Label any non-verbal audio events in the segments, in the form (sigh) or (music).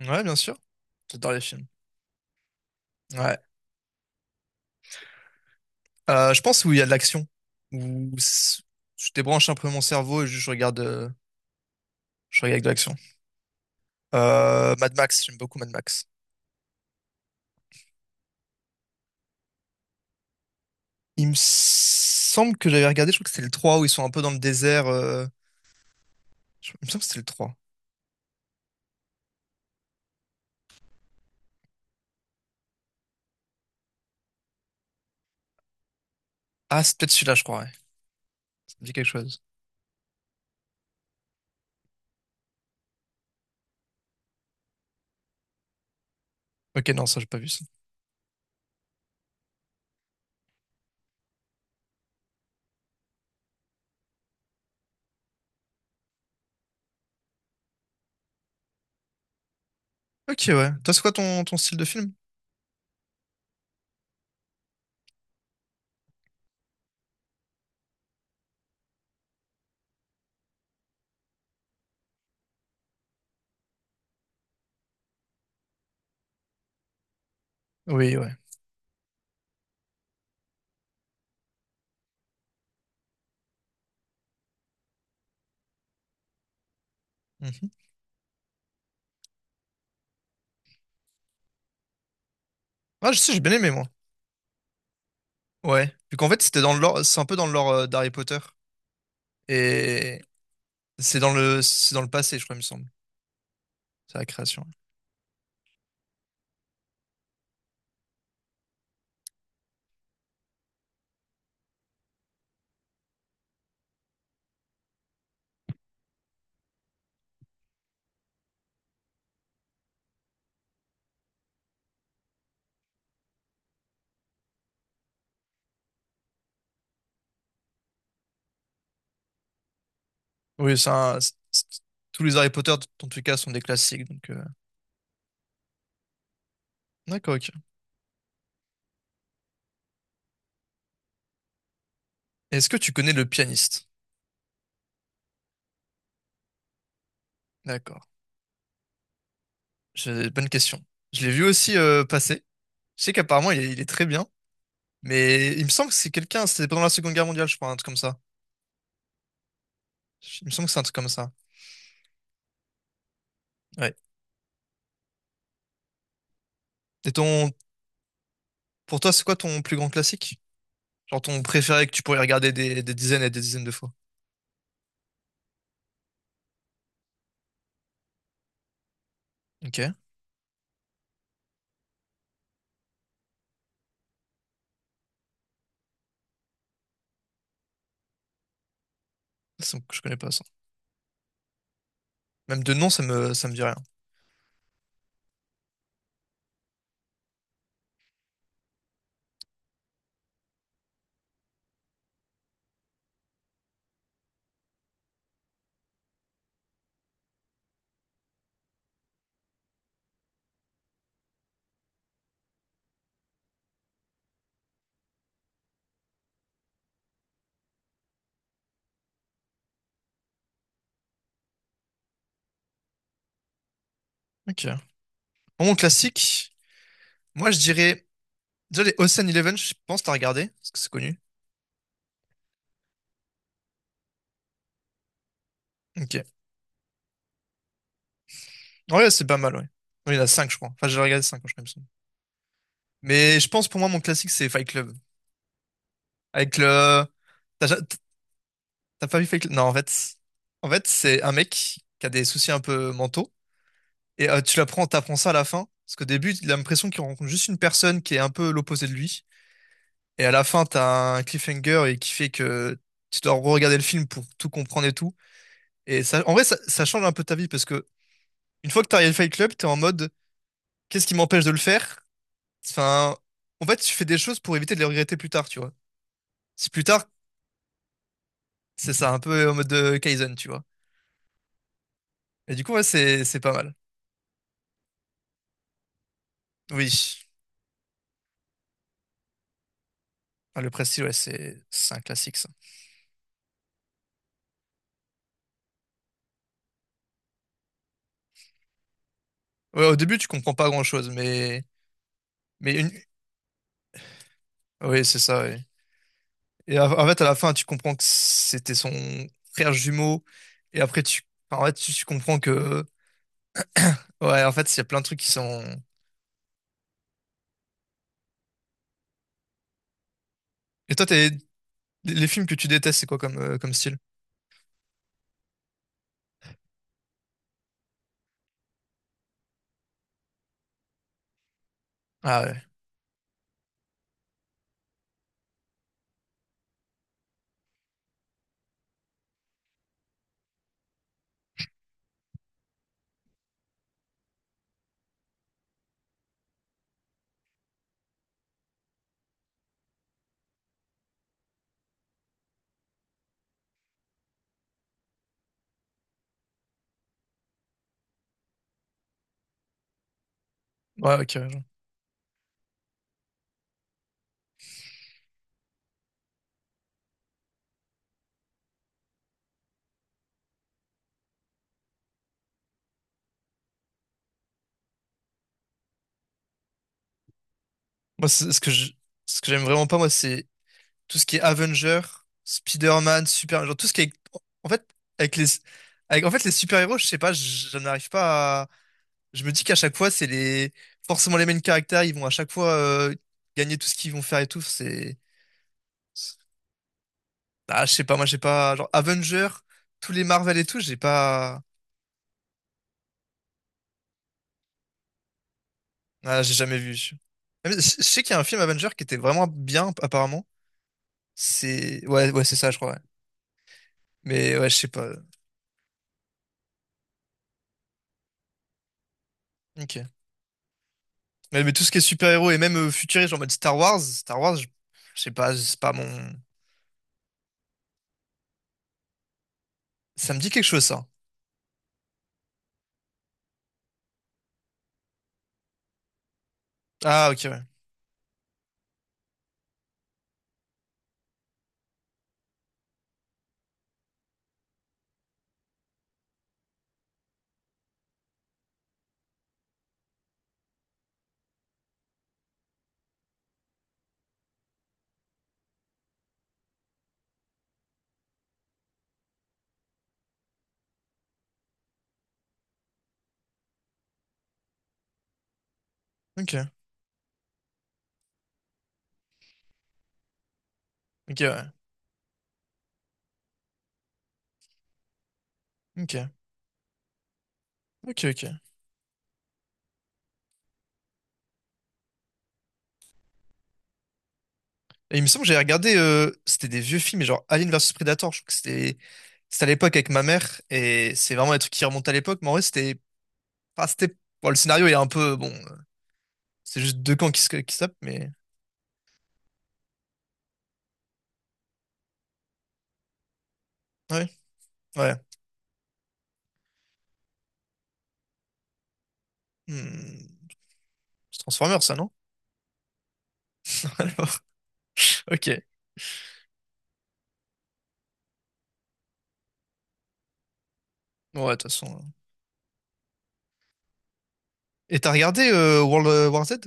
Ouais, bien sûr. J'adore les films. Ouais. Je pense où il y a de l'action. Où s- je débranche un peu mon cerveau et juste je regarde de l'action. Mad Max, j'aime beaucoup Mad Max. Il me semble que j'avais regardé, je crois que c'était le 3 où ils sont un peu dans le désert. Il me semble que c'était le trois. Ah, c'est peut-être celui-là, je crois, ouais. Ça me dit quelque chose. Ok, non, ça, j'ai pas vu ça. Ok, ouais. Toi, c'est quoi ton style de film? Oui, ouais. Mhm. Ah, je sais, j'ai bien aimé, moi. Ouais. Vu qu'en fait, c'était dans le lore, c'est un peu dans le lore d'Harry Potter. Et c'est dans le passé, je crois, il me semble. C'est la création. Oui, c'est un- c'est- tous les Harry Potter, dans tous les cas, sont des classiques. Donc, d'accord, ok. Est-ce que tu connais le pianiste? D'accord. Bonne question. Je l'ai vu aussi passer. Je sais qu'apparemment, il est très bien. Mais il me semble que c'est quelqu'un, c'était pendant la Seconde Guerre mondiale, je crois, un truc comme ça. Il me semble que c'est un truc comme ça. Ouais. Et ton, pour toi, c'est quoi ton plus grand classique? Genre ton préféré que tu pourrais regarder des dizaines et des dizaines de fois. Ok. Ça, je connais pas ça. Même de nom, ça me dit rien. Ok. Pour mon classique, moi je dirais, déjà les Ocean Eleven, je pense que t'as regardé, parce que c'est connu. Ok. Ouais, c'est pas mal, ouais. Non, il y en a 5, je crois. Enfin, j'ai regardé 5, je crois, il me semble. Mais je pense pour moi, mon classique, c'est Fight Club. Avec le. T'as ja- T'as pas vu Fake. Non, en fait, c'est un mec qui a des soucis un peu mentaux. Et t'apprends ça à la fin. Parce qu'au début, il a l'impression qu'il rencontre juste une personne qui est un peu l'opposé de lui. Et à la fin, t'as un cliffhanger et qui fait que tu dois regarder le film pour tout comprendre et tout. Et ça, en vrai, ça change un peu ta vie parce que une fois que t'as regardé Fight Club, t'es en mode, qu'est-ce qui m'empêche de le faire? Enfin, en fait, tu fais des choses pour éviter de les regretter plus tard, tu vois. Si plus tard, c'est ça, un peu en mode de Kaizen, tu vois. Et du coup, ouais, c'est pas mal. Oui. Ah, le Prestige, ouais, c'est un classique, ça. Ouais, au début, tu comprends pas grand-chose, mais une. Oui, c'est ça, ouais. Et en fait, à la fin, tu comprends que c'était son frère jumeau, et après, tu. Enfin, en fait, tu comprends que. (coughs) Ouais, en fait, il y a plein de trucs qui sont. Et toi, les films que tu détestes, c'est quoi comme, comme style? Ah ouais. Ouais, ok. Moi, ce que ce que j'aime vraiment pas, moi, c'est tout ce qui est Avenger, Spider-Man, Super, genre tout ce qui est, en fait, avec les, avec, en fait, les super-héros, je sais pas, je n'arrive pas à, je me dis qu'à chaque fois, c'est les, forcément les mêmes caractères, ils vont à chaque fois, gagner tout ce qu'ils vont faire et tout, c'est, ah, je sais pas, moi, j'ai pas, genre, Avenger, tous les Marvel et tout, j'ai pas, ah, j'ai jamais vu. Je sais qu'il y a un film Avenger qui était vraiment bien, apparemment. C'est, ouais, ouais, c'est ça, je crois, ouais. Mais, ouais, je sais pas. Ok. Ouais, mais tout ce qui est super-héros et même futuriste, en mode Star Wars, Star Wars, je sais pas, c'est pas mon. Ça me dit quelque chose, ça. Ah, ok, ouais. Ok, ok, ouais. Ok, ok, ok. Et il me semble que j'avais regardé, c'était des vieux films, mais genre Alien vs Predator, je crois que c'était à l'époque avec ma mère, et c'est vraiment un truc qui remonte à l'époque, mais en vrai, c'était. Pas c'était. Bon, le scénario est un peu. Bon, c'est juste deux camps qui se tapent, mais. Ouais, ouais. Hmm. C'est Transformers, ça, non? (laughs) Alors, ok. Bon, ouais, de toute façon. Et t'as regardé World War Z?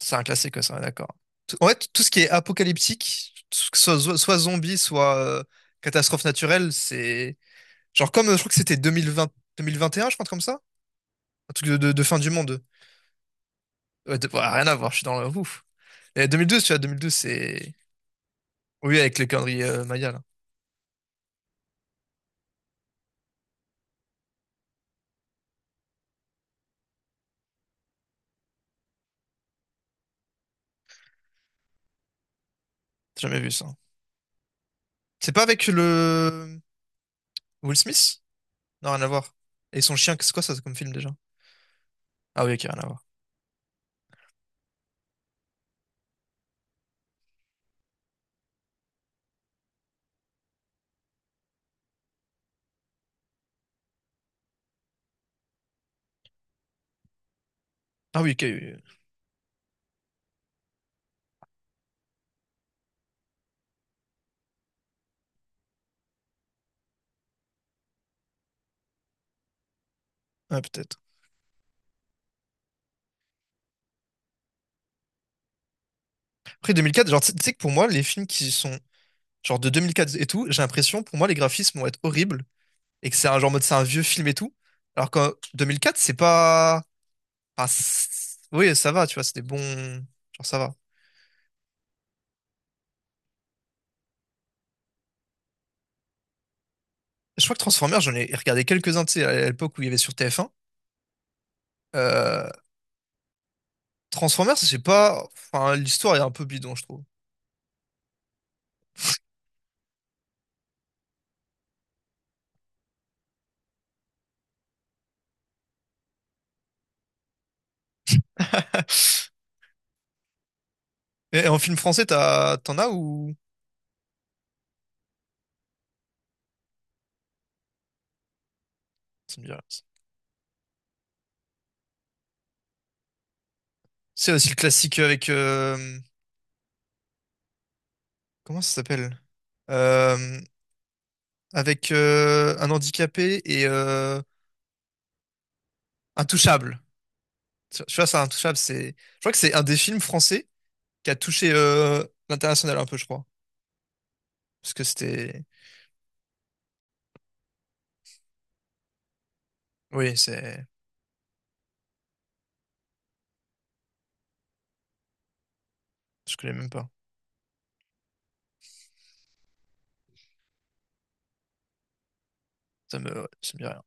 C'est un classique, ça, d'accord. En fait, tout ce qui est apocalyptique, que ce soit, soit zombie, soit catastrophe naturelle, c'est. Genre, comme je crois que c'était 2020, 2021, je crois, un truc comme ça? Un truc de fin du monde. Ouais, ouais, rien à voir, je suis dans le ouf. Et 2012, tu vois, 2012, c'est. Oui, avec le calendrier Maya, là. J'ai jamais vu ça. C'est pas avec le. Will Smith? Non, rien à voir. Et son chien, c'est quoi ça comme film déjà? Ah oui, ok, rien à voir. Ah oui, ok, oui. Oui. Ouais, peut-être. Après 2004 genre, tu sais que pour moi, les films qui sont genre de 2004 et tout, j'ai l'impression, pour moi, les graphismes vont être horribles et que c'est un genre mode, c'est un vieux film et tout. Alors que 2004 c'est pas. Ah, oui, ça va, tu vois, c'est des bons. Genre, ça va. Je crois que Transformers, j'en ai regardé quelques-uns, tu sais, à l'époque où il y avait sur TF1. Euh, Transformers, c'est pas. Enfin, l'histoire est un peu bidon, je trouve. (laughs) Et, en film français, t'en as ou. Ça me dit rien. C'est aussi le classique avec. Comment ça s'appelle? Euh, Avec un handicapé et Intouchable. Tu vois, ça, Intouchable, c'est. Je crois que c'est un des films français qui a touché l'international un peu, je crois. Parce que c'était. Oui, c'est. Je connais même pas. Ça me. Ouais, ça me dit rien.